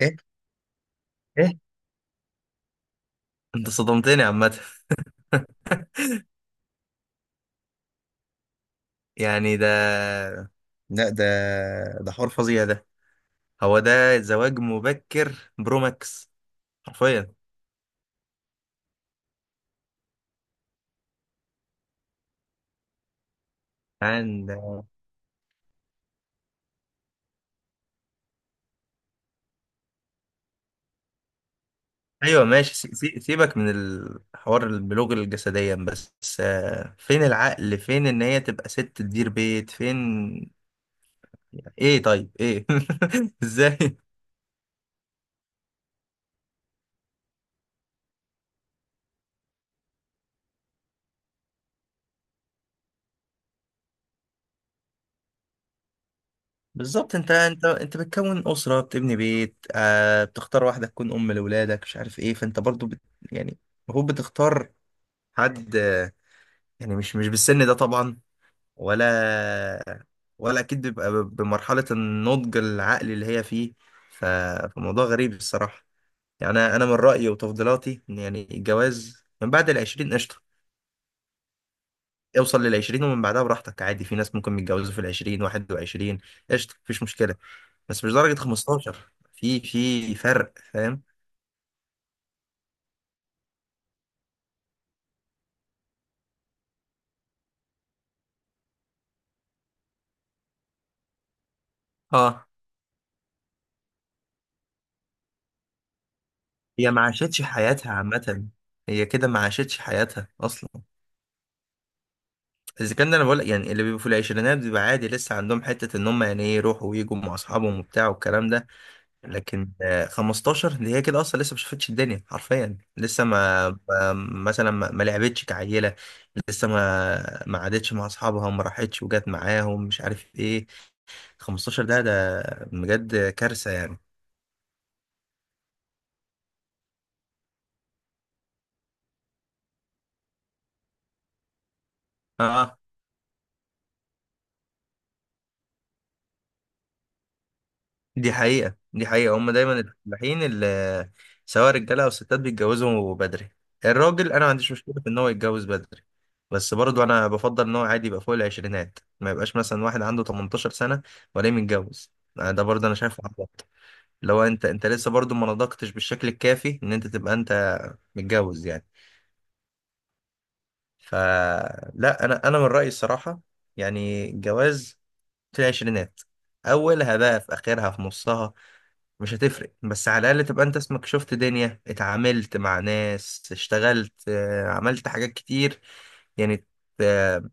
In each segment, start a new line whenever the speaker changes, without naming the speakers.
ايه، ايه، انت صدمتني عامة. يعني ده، لا، ده حوار فظيع ده. هو ده زواج مبكر برو ماكس، حرفيا. عن ايوه ماشي، سيبك من الحوار البلوغ الجسديا بس. فين العقل، فين ان هي تبقى ست تدير بيت، فين؟ ايه؟ طيب، ايه، ازاي؟ بالظبط، انت بتكون اسره، بتبني بيت، بتختار واحده تكون ام لاولادك، مش عارف ايه، فانت برضو يعني المفروض بتختار حد. يعني مش بالسن ده طبعا، ولا ولا اكيد بيبقى بمرحله النضج العقلي اللي هي فيه. ف- فموضوع غريب الصراحه. يعني انا، من رايي وتفضيلاتي ان يعني الجواز من بعد العشرين قشطه. اوصل للعشرين ومن بعدها براحتك، عادي، في ناس ممكن يتجوزوا في العشرين، واحد وعشرين، قشطه، مفيش مشكله. بس مش درجه 15، في فرق، فاهم؟ اه، هي ما عاشتش حياتها عامه. هي كده ما عاشتش حياتها اصلا. اذا كان انا بقول يعني اللي بيبقوا في العشرينات بيبقى عادي، لسه عندهم حته ان هم يعني ايه يروحوا ويجوا مع اصحابهم وبتاع والكلام ده. لكن 15 اللي هي كده اصلا لسه ما شافتش الدنيا حرفيا، لسه مثلا ما لعبتش كعيله، لسه ما قعدتش مع اصحابها وما راحتش وجت معاهم، مش عارف ايه. 15 ده بجد كارثه يعني. اه، دي حقيقة، دي حقيقة، هم دايما الفلاحين اللي سواء رجالة أو ستات بيتجوزوا بدري. الراجل أنا ما عنديش مشكلة في إن هو يتجوز بدري، بس برضو أنا بفضل إن هو عادي يبقى فوق العشرينات، ما يبقاش مثلا واحد عنده 18 سنة ولا متجوز. ده برضو أنا شايفه عبط. لو أنت، لسه برضو ما نضجتش بالشكل الكافي إن أنت تبقى أنت متجوز يعني. فلا، أنا، من رأيي الصراحة. يعني الجواز في العشرينات، أولها بقى، في آخرها، في نصها، مش هتفرق، بس على الأقل تبقى أنت اسمك شفت دنيا، اتعاملت مع ناس، اشتغلت، عملت حاجات كتير يعني. آه،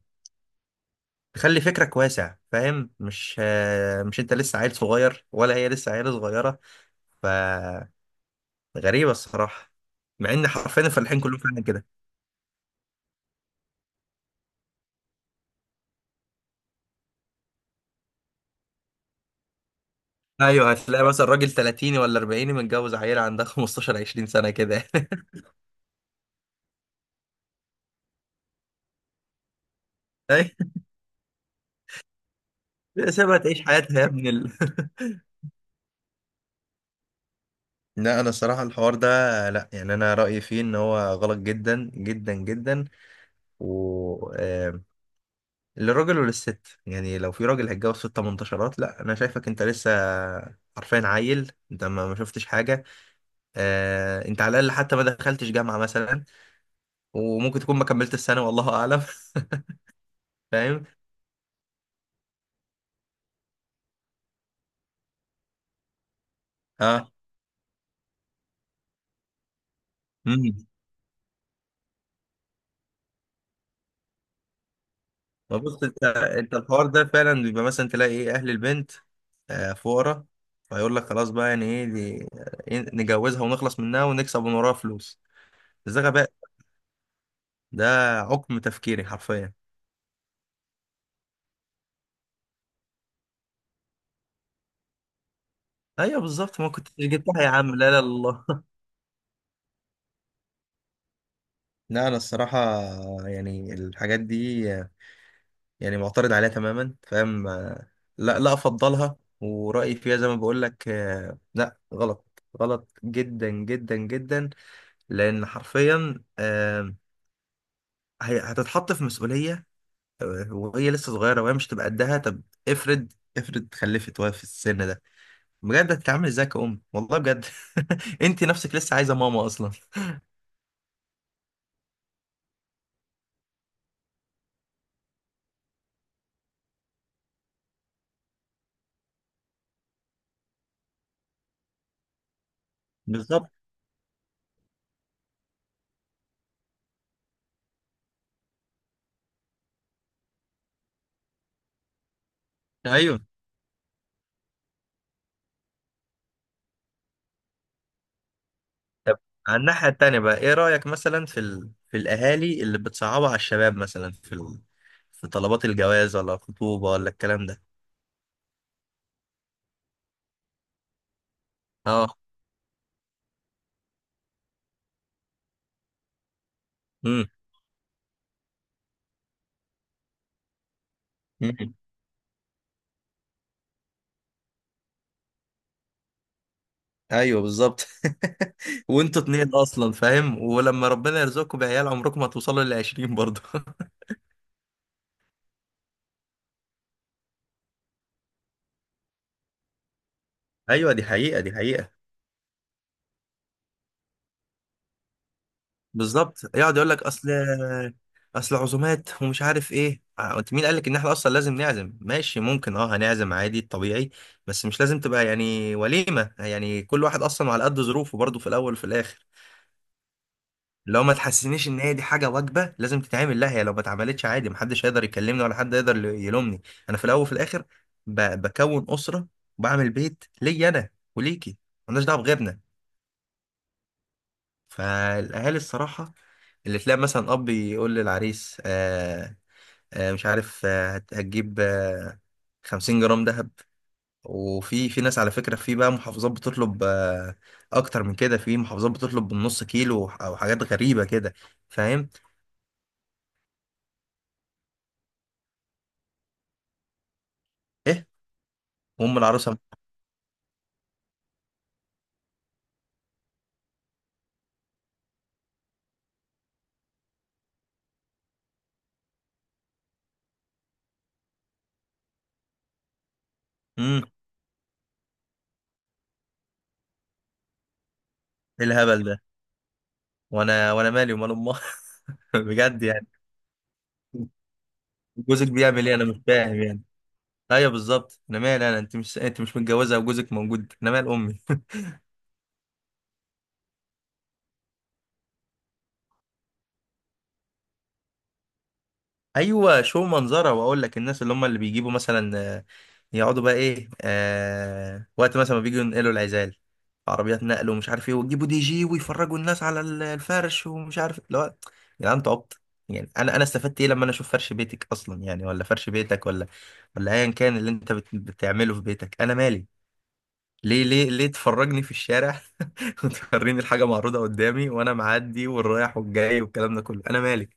تخلي فكرك واسع، فاهم؟ مش، مش أنت لسه عيل صغير ولا هي لسه عيلة صغيرة. فغريبة الصراحة، مع إن حرفيا الفلاحين كلهم فعلا كده. أيوه، هتلاقي مثلا راجل 30 ولا 40 متجوز عيلة عندها 15 20 سنة كده. أيوة، سيبها تعيش حياتها يا ابن ال... لا، انا الصراحه الحوار ده، لا، يعني انا رايي فيه ان هو غلط جدا جدا جدا. و للراجل وللست. يعني لو في راجل هيتجوز ست منتشرات، لا، انا شايفك انت لسه حرفيا عيل، انت ما شفتش حاجه. انت على الاقل حتى ما دخلتش جامعه مثلا، وممكن تكون ما كملت السنه، والله اعلم. فاهم. اه، ما بص، انت، الحوار ده فعلا بيبقى مثلا تلاقي ايه، اهل البنت فقراء، فيقول لك خلاص بقى، يعني ايه دي؟ إيه، نجوزها ونخلص منها ونكسب من وراها فلوس. ده غباء، ده عقم تفكيري حرفيا. ايوه بالظبط، ما كنت جبتها يا عم، لا لا، الله. لا، انا الصراحه يعني الحاجات دي، يعني معترض عليها تماما، فاهم؟ لا لا، افضلها، ورايي فيها زي ما بقول لك، لا، غلط، غلط جدا جدا جدا. لان حرفيا هتتحط في مسؤولية، وهي لسه صغيرة، وهي مش تبقى قدها. طب افرض، افرض خلفت وهي في السن ده، بجد هتتعامل ازاي كأم؟ والله بجد. انت نفسك لسه عايزة ماما اصلا. بالظبط. ايوه، طب على الناحية التانية بقى، ايه رأيك مثلا في في الاهالي اللي بتصعبها على الشباب، مثلا في في طلبات الجواز ولا الخطوبة ولا الكلام ده؟ اه. امم. أمم. ايوه بالظبط. وانتوا اتنين اصلا، فاهم؟ ولما ربنا يرزقكم بعيال، عمركم ما توصلوا للعشرين برضه. ايوه، دي حقيقه، دي حقيقه. بالظبط. يقعد يقول لك اصل عزومات ومش عارف ايه. انت مين قال لك ان احنا اصلا لازم نعزم؟ ماشي، ممكن، اه، هنعزم عادي طبيعي، بس مش لازم تبقى يعني وليمه. يعني كل واحد اصلا على قد ظروفه، برضه، في الاول وفي الاخر. لو ما تحسسنيش ان هي دي حاجه واجبه لازم تتعمل، لا، هي لو ما اتعملتش عادي، محدش هيقدر يكلمني ولا حد يقدر يلومني. انا في الاول وفي الاخر بكون اسره وبعمل بيت ليا انا وليكي، مالناش دعوه بغيرنا. فالاهالي الصراحه اللي تلاقي مثلا اب يقول للعريس، مش عارف، هتجيب، 50 جرام ذهب. وفي ناس على فكره، في بقى محافظات بتطلب، اكتر من كده، في محافظات بتطلب بالنص كيلو او حاجات غريبه كده، فاهم؟ ايه وام العروسه؟ امم ايه الهبل ده؟ وانا مالي ومال امها؟ بجد يعني، جوزك بيعمل ايه؟ انا مش فاهم يعني. ايوه بالظبط، انا مالي، انا، انت مش متجوزه وجوزك موجود، انا مال امي؟ ايوه شو منظره. واقول لك الناس اللي هم اللي بيجيبوا مثلا، يقعدوا بقى ايه، وقت مثلا ما بيجوا ينقلوا العزال، في عربيات نقل ومش عارف ايه، ويجيبوا دي جي ويفرجوا الناس على الفرش ومش عارف اللي هو، يا جدعان انتوا عبط يعني. انا استفدت ايه لما انا اشوف فرش بيتك اصلا يعني؟ ولا فرش بيتك، ولا ايا كان اللي انت بتعمله في بيتك، انا مالي؟ ليه، ليه، ليه تفرجني في الشارع؟ وتوريني الحاجه معروضه قدامي وانا معدي والرايح والجاي والكلام ده كله، انا مالي؟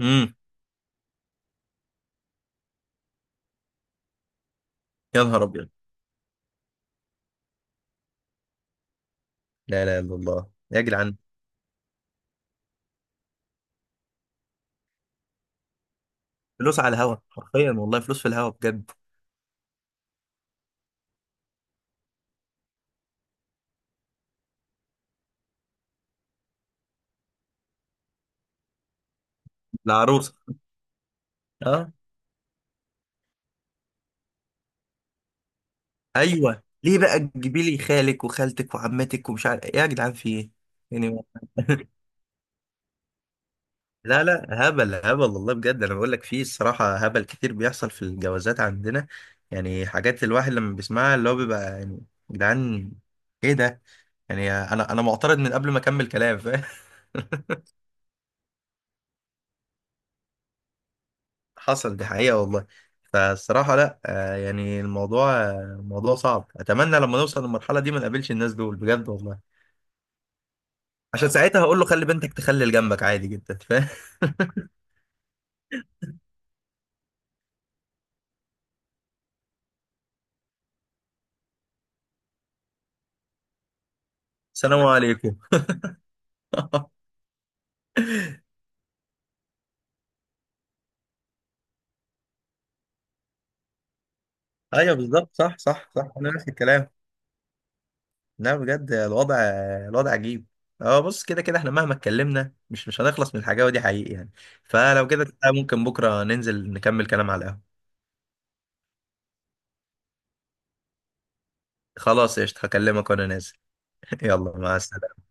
امم. يا نهار ابيض. لا لا، الا الله، يا جدعان. فلوس على الهوا حرفيا، والله فلوس في الهوا بجد. العروسه. اه. ايوه، ليه بقى تجيبي لي خالك وخالتك وعمتك ومش عارف إيه؟ يا جدعان في ايه يعني؟ لا لا، هبل هبل، والله بجد، انا بقول لك في الصراحه هبل كتير بيحصل في الجوازات عندنا. يعني حاجات الواحد لما بيسمعها اللي هو بيبقى يعني يا جدعان، ايه ده؟ يعني انا معترض من قبل ما اكمل كلام، فاهم؟ حصل، دي حقيقة والله. فالصراحة لا، يعني الموضوع، موضوع صعب. أتمنى لما نوصل للمرحلة دي ما نقابلش الناس دول بجد والله. عشان ساعتها هقول له خلي بنتك تخلي جنبك، عادي جدا، فاهم؟ السلام عليكم. أيوه بالظبط، صح صح صح، أنا نفس الكلام. لا بجد الوضع، الوضع عجيب. اه بص، كده كده احنا مهما اتكلمنا مش هنخلص من الحاجة، ودي حقيقي يعني. فلو كده تعالى، ممكن بكرة ننزل نكمل كلام على القهوة. خلاص قشطة، هكلمك وأنا نازل. يلا، مع السلامة.